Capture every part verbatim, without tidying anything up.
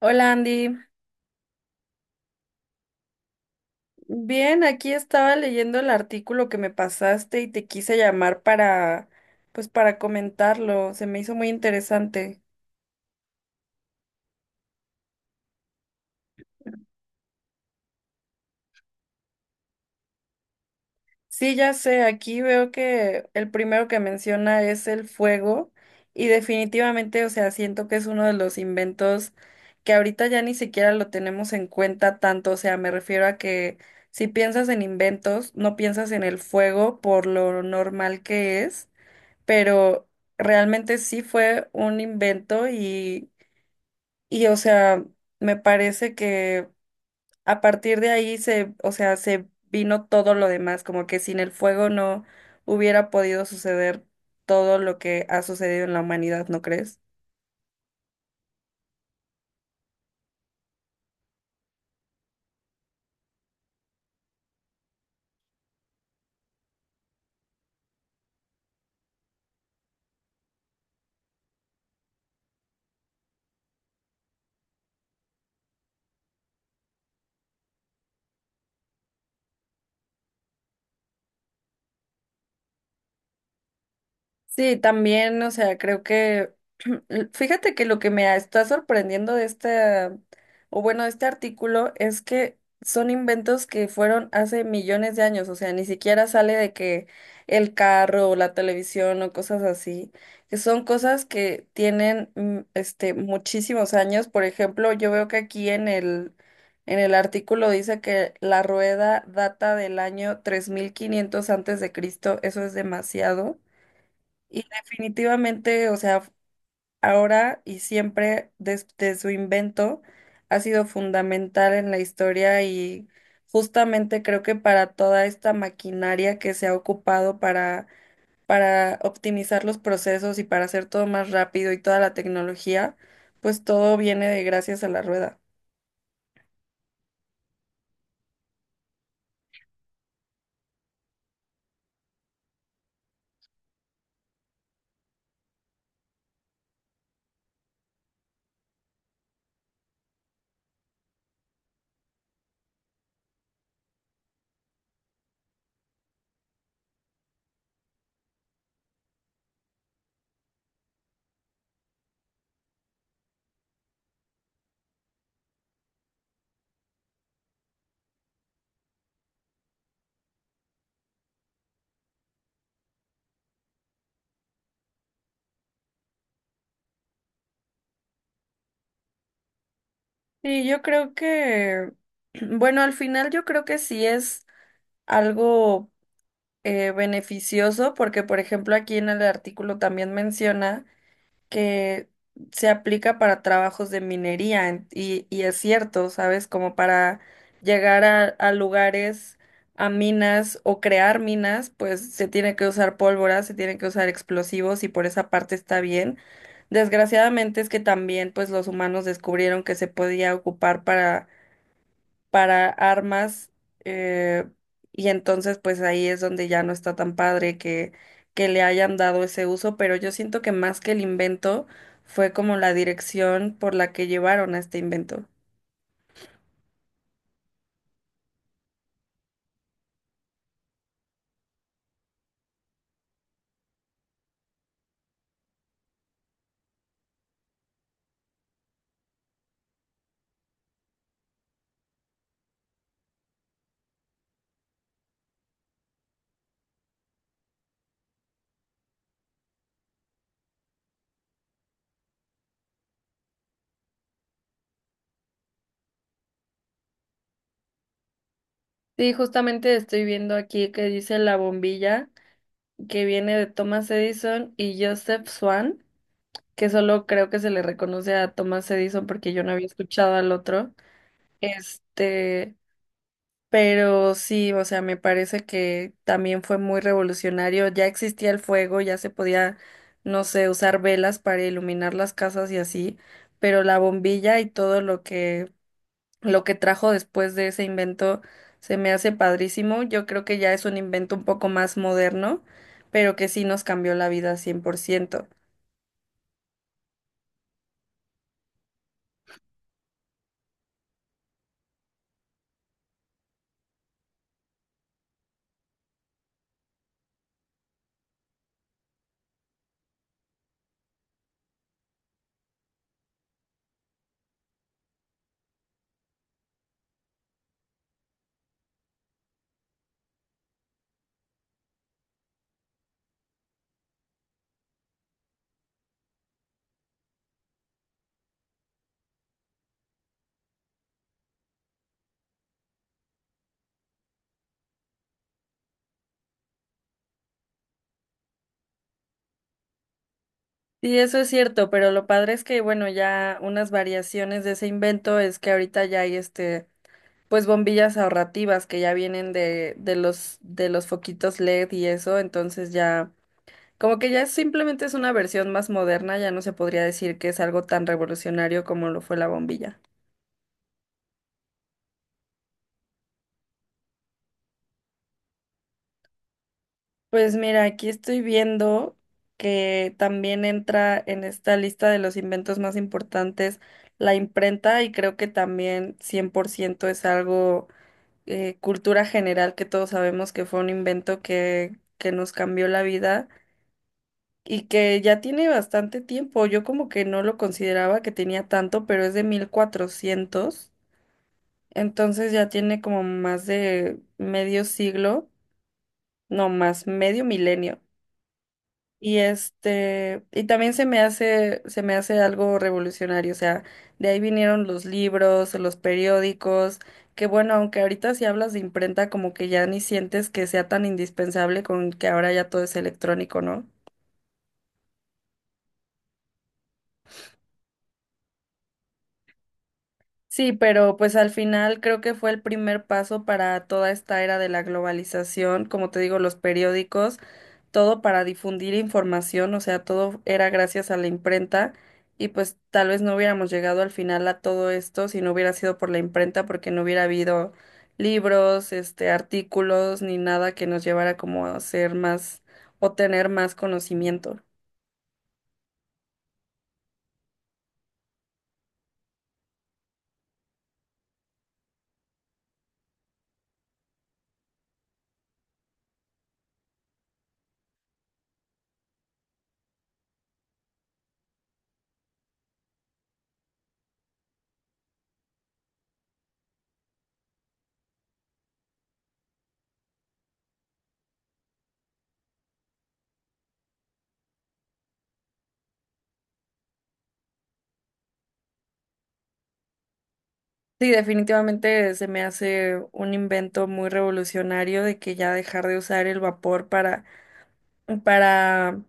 Hola Andy, bien, aquí estaba leyendo el artículo que me pasaste y te quise llamar para, pues para comentarlo, se me hizo muy interesante. Sí, ya sé, aquí veo que el primero que menciona es el fuego y definitivamente, o sea, siento que es uno de los inventos que ahorita ya ni siquiera lo tenemos en cuenta tanto, o sea, me refiero a que si piensas en inventos, no piensas en el fuego por lo normal que es. Pero realmente sí fue un invento y, y o sea, me parece que a partir de ahí se, o sea, se vino todo lo demás, como que sin el fuego no hubiera podido suceder todo lo que ha sucedido en la humanidad, ¿no crees? Sí, también, o sea, creo que, fíjate que lo que me está sorprendiendo de este, o bueno, de este artículo es que son inventos que fueron hace millones de años, o sea, ni siquiera sale de que el carro o la televisión o cosas así, que son cosas que tienen, mm, este, muchísimos años. Por ejemplo, yo veo que aquí en el, en el artículo dice que la rueda data del año tres mil quinientos antes de Cristo, eso es demasiado. Y definitivamente, o sea, ahora y siempre desde su invento ha sido fundamental en la historia y justamente creo que para toda esta maquinaria que se ha ocupado para, para optimizar los procesos y para hacer todo más rápido y toda la tecnología, pues todo viene de gracias a la rueda. Y yo creo que, bueno, al final yo creo que sí es algo eh, beneficioso porque, por ejemplo, aquí en el artículo también menciona que se aplica para trabajos de minería en- y, y es cierto, ¿sabes? Como para llegar a, a lugares, a minas o crear minas, pues se tiene que usar pólvora, se tiene que usar explosivos y por esa parte está bien. Desgraciadamente es que también pues los humanos descubrieron que se podía ocupar para para armas, eh, y entonces pues ahí es donde ya no está tan padre que, que le hayan dado ese uso, pero yo siento que más que el invento fue como la dirección por la que llevaron a este invento. Sí, justamente estoy viendo aquí que dice la bombilla que viene de Thomas Edison y Joseph Swan, que solo creo que se le reconoce a Thomas Edison porque yo no había escuchado al otro. Este, Pero sí, o sea, me parece que también fue muy revolucionario. Ya existía el fuego, ya se podía, no sé, usar velas para iluminar las casas y así, pero la bombilla y todo lo que lo que trajo después de ese invento se me hace padrísimo. Yo creo que ya es un invento un poco más moderno, pero que sí nos cambió la vida cien por ciento. Sí, eso es cierto, pero lo padre es que, bueno, ya unas variaciones de ese invento es que ahorita ya hay este pues bombillas ahorrativas que ya vienen de, de los, de los foquitos L E D y eso, entonces ya, como que ya simplemente es una versión más moderna, ya no se podría decir que es algo tan revolucionario como lo fue la bombilla. Pues mira, aquí estoy viendo que también entra en esta lista de los inventos más importantes la imprenta y creo que también cien por ciento es algo eh, cultura general que todos sabemos que fue un invento que, que nos cambió la vida y que ya tiene bastante tiempo. Yo como que no lo consideraba que tenía tanto, pero es de mil cuatrocientos. Entonces ya tiene como más de medio siglo, no más, medio milenio. Y este, y también se me hace, se me hace algo revolucionario, o sea, de ahí vinieron los libros, los periódicos, que bueno, aunque ahorita si hablas de imprenta, como que ya ni sientes que sea tan indispensable con que ahora ya todo es electrónico, ¿no? Sí, pero pues al final creo que fue el primer paso para toda esta era de la globalización, como te digo, los periódicos, todo para difundir información, o sea, todo era gracias a la imprenta y pues tal vez no hubiéramos llegado al final a todo esto si no hubiera sido por la imprenta, porque no hubiera habido libros, este, artículos ni nada que nos llevara como a ser más o tener más conocimiento. Sí, definitivamente se me hace un invento muy revolucionario de que ya dejar de usar el vapor para, para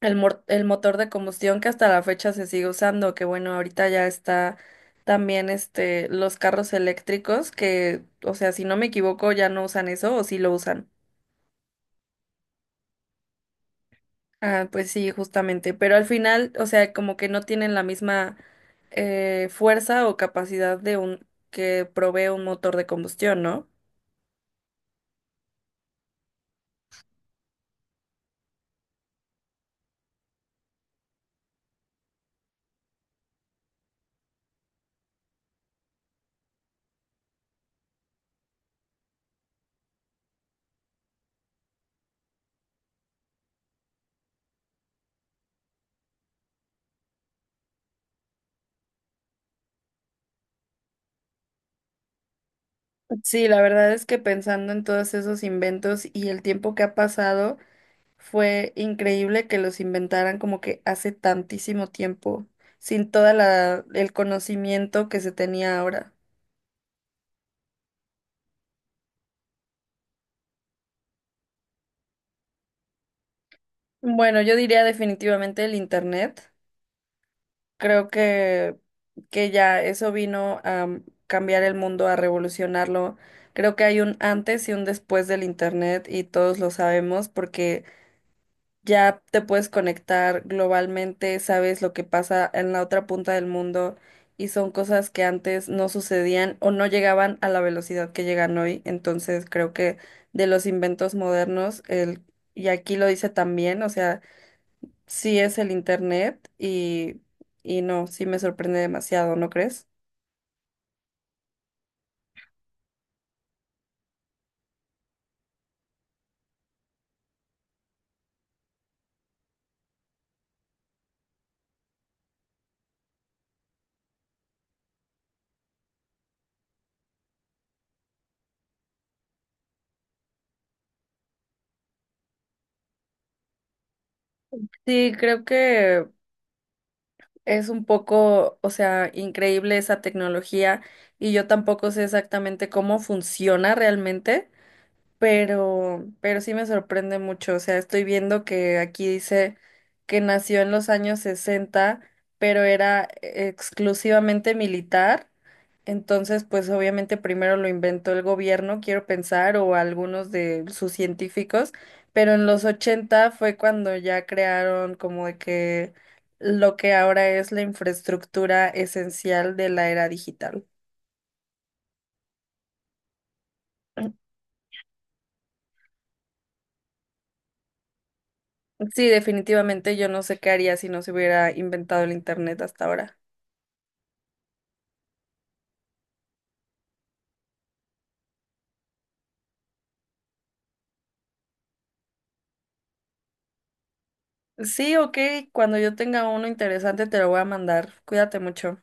el, mor- el motor de combustión que hasta la fecha se sigue usando, que bueno, ahorita ya está también este los carros eléctricos que, o sea, si no me equivoco, ya no usan eso o sí lo usan. Ah, pues sí, justamente, pero al final, o sea, como que no tienen la misma eh, fuerza o capacidad de un que provee un motor de combustión, ¿no? Sí, la verdad es que pensando en todos esos inventos y el tiempo que ha pasado, fue increíble que los inventaran como que hace tantísimo tiempo, sin toda la el conocimiento que se tenía ahora. Bueno, yo diría definitivamente el internet. Creo que que ya eso vino a cambiar el mundo, a revolucionarlo. Creo que hay un antes y un después del internet y todos lo sabemos porque ya te puedes conectar globalmente, sabes lo que pasa en la otra punta del mundo y son cosas que antes no sucedían o no llegaban a la velocidad que llegan hoy. Entonces creo que de los inventos modernos, el, y aquí lo dice también, o sea, sí es el internet y, y no, sí me sorprende demasiado, ¿no crees? Sí, creo que es un poco, o sea, increíble esa tecnología y yo tampoco sé exactamente cómo funciona realmente. Pero, pero sí me sorprende mucho. O sea, estoy viendo que aquí dice que nació en los años sesenta pero era exclusivamente militar. Entonces, pues obviamente primero lo inventó el gobierno, quiero pensar, o algunos de sus científicos, pero en los ochenta fue cuando ya crearon como de que lo que ahora es la infraestructura esencial de la era digital. Sí, definitivamente yo no sé qué haría si no se hubiera inventado el internet hasta ahora. Sí, ok, cuando yo tenga uno interesante te lo voy a mandar. Cuídate mucho.